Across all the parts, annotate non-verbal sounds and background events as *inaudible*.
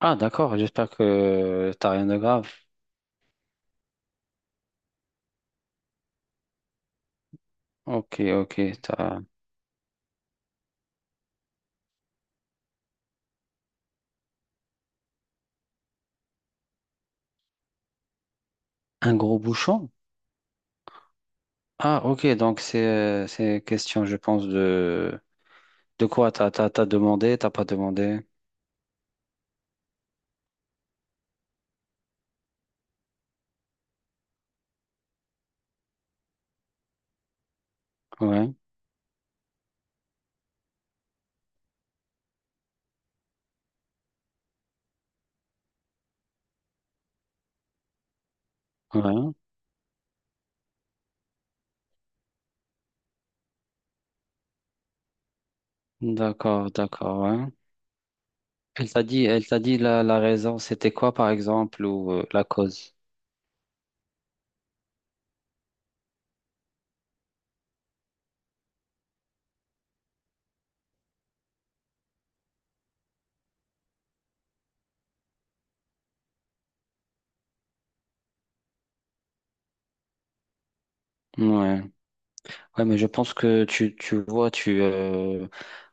Ah, d'accord, j'espère que t'as rien de grave. Ok, ok, t'as un gros bouchon. Ah, ok, donc c'est question, je pense, de t'as pas demandé. Ouais, ouais. D'accord, d'accord, ouais. Elle t'a dit la raison, c'était quoi, par exemple, ou la cause? Ouais. Ouais, mais je pense que tu vois,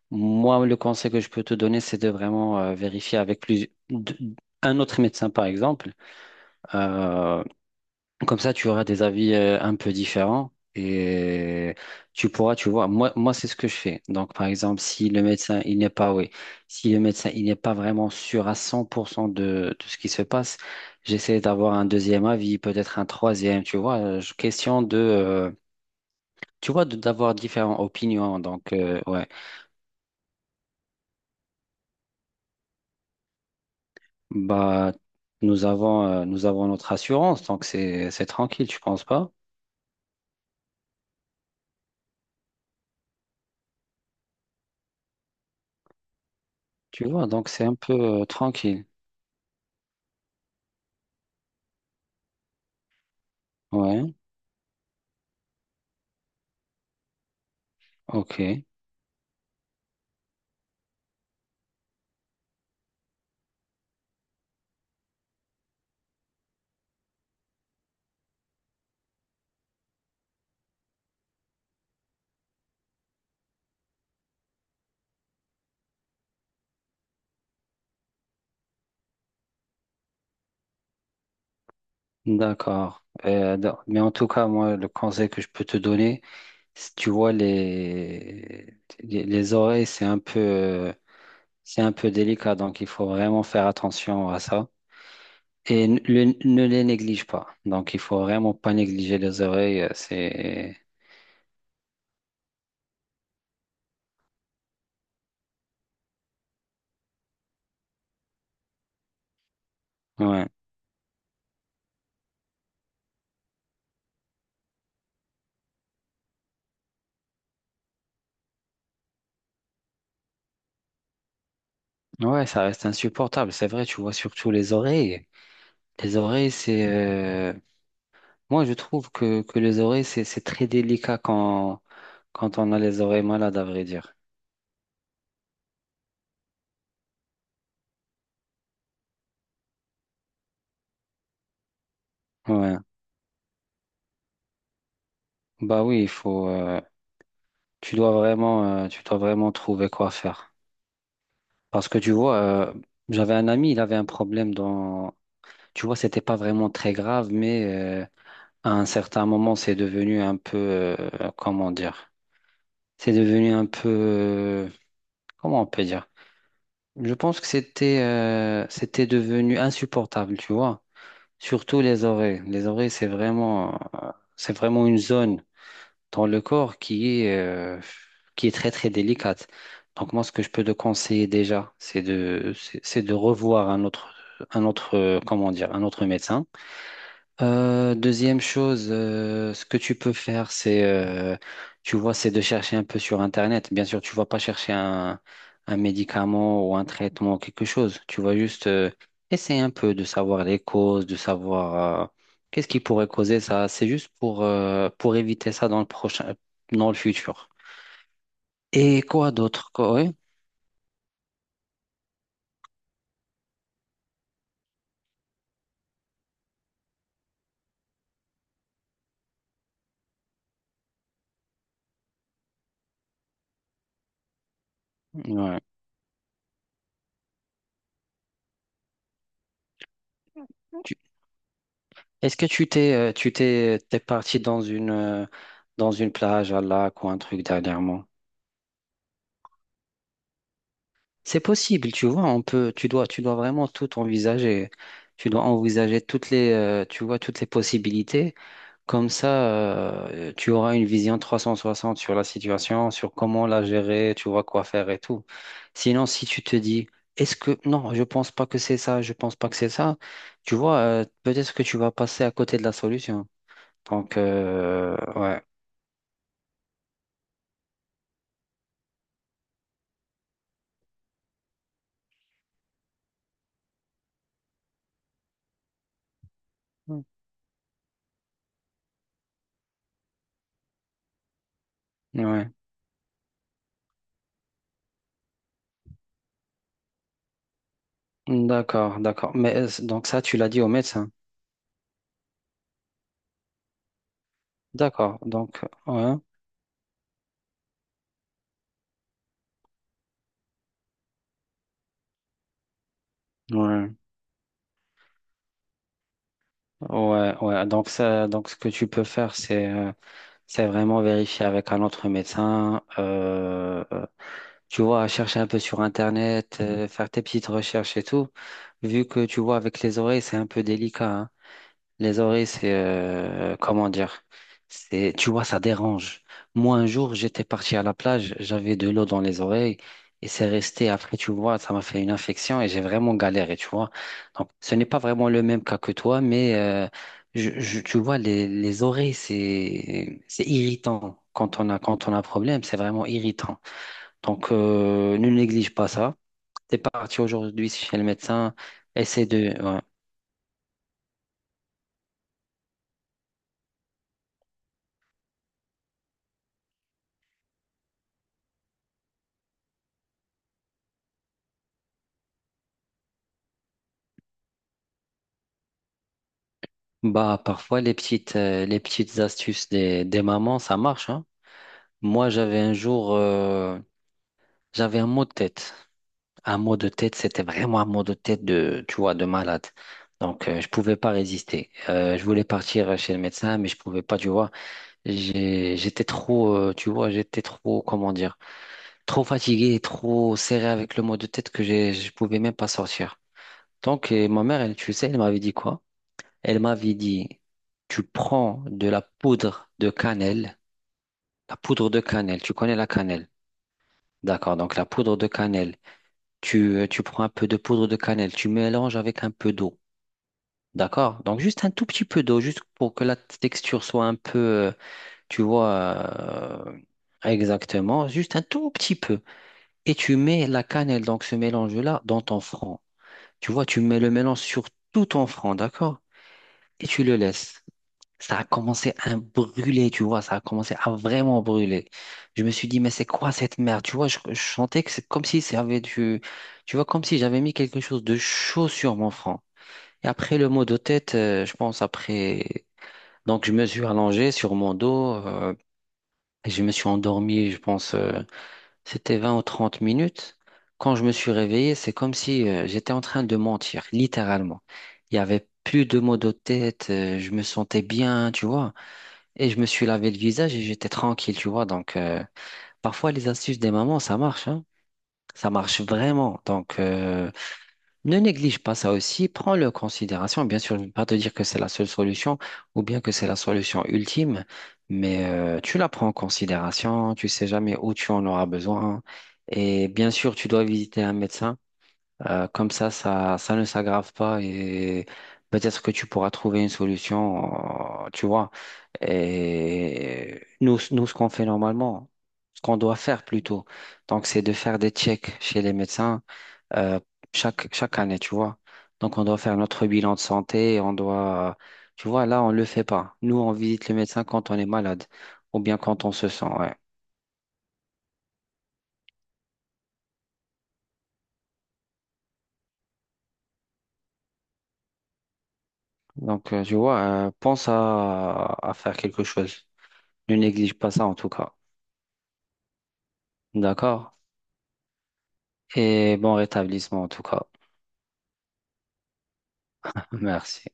moi, le conseil que je peux te donner, c'est de vraiment vérifier avec un autre médecin, par exemple. Euh, Comme ça, tu auras des avis un peu différents. Et tu pourras, tu vois, moi c'est ce que je fais. Donc, par exemple, si le médecin, il n'est pas, oui, si le médecin, il n'est pas vraiment sûr à 100% de ce qui se passe, j'essaie d'avoir un deuxième avis, peut-être un troisième, tu vois, question de, tu vois, d'avoir différentes opinions. Donc, ouais, bah, nous avons notre assurance, donc c'est tranquille, tu penses pas? Tu vois, donc c'est un peu tranquille. Ouais, ok. D'accord. Non, mais en tout cas, moi, le conseil que je peux te donner, si tu vois les oreilles, c'est un peu délicat, donc il faut vraiment faire attention à ça. Et ne les néglige pas. Donc il faut vraiment pas négliger les oreilles. C'est, ouais, ouais, ça reste insupportable. C'est vrai, tu vois surtout les oreilles. Les oreilles, c'est, moi, je trouve que les oreilles, c'est très délicat quand, quand on a les oreilles malades, à vrai dire. Ouais. Bah oui, il faut, tu dois vraiment trouver quoi faire. Parce que tu vois, j'avais un ami, il avait un problème dans, tu vois, c'était pas vraiment très grave, mais à un certain moment, c'est devenu un peu, comment dire, c'est devenu un peu, comment on peut dire? Je pense que c'était, c'était devenu insupportable, tu vois. Surtout les oreilles. Les oreilles, euh, c'est vraiment une zone dans le corps qui est très très délicate. Donc moi, ce que je peux te conseiller déjà, c'est de revoir un autre, comment dire, un autre médecin. Deuxième chose, ce que tu peux faire, c'est, tu vois, c'est de chercher un peu sur Internet. Bien sûr, tu vas pas chercher un médicament ou un traitement, quelque chose. Tu vas juste essayer un peu de savoir les causes, de savoir qu'est-ce qui pourrait causer ça. C'est juste pour éviter ça dans le prochain, dans le futur. Et quoi d'autre? Quoi, ouais. Ouais. Tu- Est-ce que t'es parti dans une plage à lac ou un truc dernièrement? C'est possible, tu vois, on peut, tu dois vraiment tout envisager. Tu dois envisager toutes les, tu vois, toutes les possibilités. Comme ça, tu auras une vision 360 sur la situation, sur comment la gérer, tu vois quoi faire et tout. Sinon, si tu te dis, est-ce que, non, je pense pas que c'est ça, je pense pas que c'est ça, tu vois, peut-être que tu vas passer à côté de la solution. Donc, ouais. Mm. Ouais, d'accord, d'accord. Mais donc ça, tu l'as dit au médecin. D'accord, donc, ouais. Ouais, ouais, ouais. Donc ça, donc ce que tu peux faire, c'est vraiment vérifier avec un autre médecin. Tu vois, chercher un peu sur Internet, faire tes petites recherches et tout. Vu que tu vois avec les oreilles, c'est un peu délicat, hein. Les oreilles, c'est comment dire? C'est, tu vois, ça dérange. Moi, un jour, j'étais parti à la plage, j'avais de l'eau dans les oreilles et c'est resté. Après, tu vois, ça m'a fait une infection et j'ai vraiment galéré, tu vois. Donc, ce n'est pas vraiment le même cas que toi, mais tu vois, les oreilles, c'est irritant. Quand on a un problème, c'est vraiment irritant. Donc, ne néglige pas ça. T'es parti aujourd'hui chez le médecin, essaie de. Ouais. Bah, parfois, les petites astuces des mamans, ça marche, hein. Moi, j'avais un jour, j'avais un mot de tête. Un mot de tête, c'était vraiment un mot de tête de, tu vois, de malade. Donc, je pouvais pas résister. Je voulais partir chez le médecin, mais je pouvais pas, tu vois. J'étais trop, tu vois, j'étais trop, comment dire, trop fatigué, trop serré avec le mot de tête que j'ai, je pouvais même pas sortir. Donc, et ma mère, elle, tu sais, elle m'avait dit quoi? Elle m'avait dit, tu prends de la poudre de cannelle, la poudre de cannelle, tu connais la cannelle. D'accord, donc la poudre de cannelle, tu prends un peu de poudre de cannelle, tu mélanges avec un peu d'eau. D'accord? Donc juste un tout petit peu d'eau, juste pour que la texture soit un peu, tu vois, exactement, juste un tout petit peu. Et tu mets la cannelle, donc ce mélange-là, dans ton front. Tu vois, tu mets le mélange sur tout ton front, d'accord? Et tu le laisses. Ça a commencé à brûler, tu vois, ça a commencé à vraiment brûler. Je me suis dit, mais c'est quoi cette merde? Tu vois, je sentais que c'est comme si j'avais du, tu vois, comme si j'avais mis quelque chose de chaud sur mon front. Et après le mot de tête, je pense après, donc je me suis allongé sur mon dos, et je me suis endormi, je pense, c'était 20 ou 30 minutes. Quand je me suis réveillé, c'est comme si, j'étais en train de mentir, littéralement. Il y avait plus de maux de tête, je me sentais bien, tu vois. Et je me suis lavé le visage et j'étais tranquille, tu vois. Donc, parfois, les astuces des mamans, ça marche, hein. Ça marche vraiment. Donc, ne néglige pas ça aussi. Prends-le en considération. Bien sûr, je ne vais pas te dire que c'est la seule solution ou bien que c'est la solution ultime, mais tu la prends en considération. Tu sais jamais où tu en auras besoin. Et bien sûr, tu dois visiter un médecin comme ça, ça ne s'aggrave pas et peut-être que tu pourras trouver une solution, tu vois. Et nous, ce qu'on fait normalement, ce qu'on doit faire plutôt, donc c'est de faire des checks chez les médecins euh, chaque, chaque année, tu vois. Donc on doit faire notre bilan de santé, on doit, tu vois, là, on ne le fait pas. Nous, on visite le médecin quand on est malade ou bien quand on se sent, ouais. Donc, tu vois, pense à faire quelque chose. Ne néglige pas ça en tout cas. D'accord. Et bon rétablissement en tout cas. *laughs* Merci.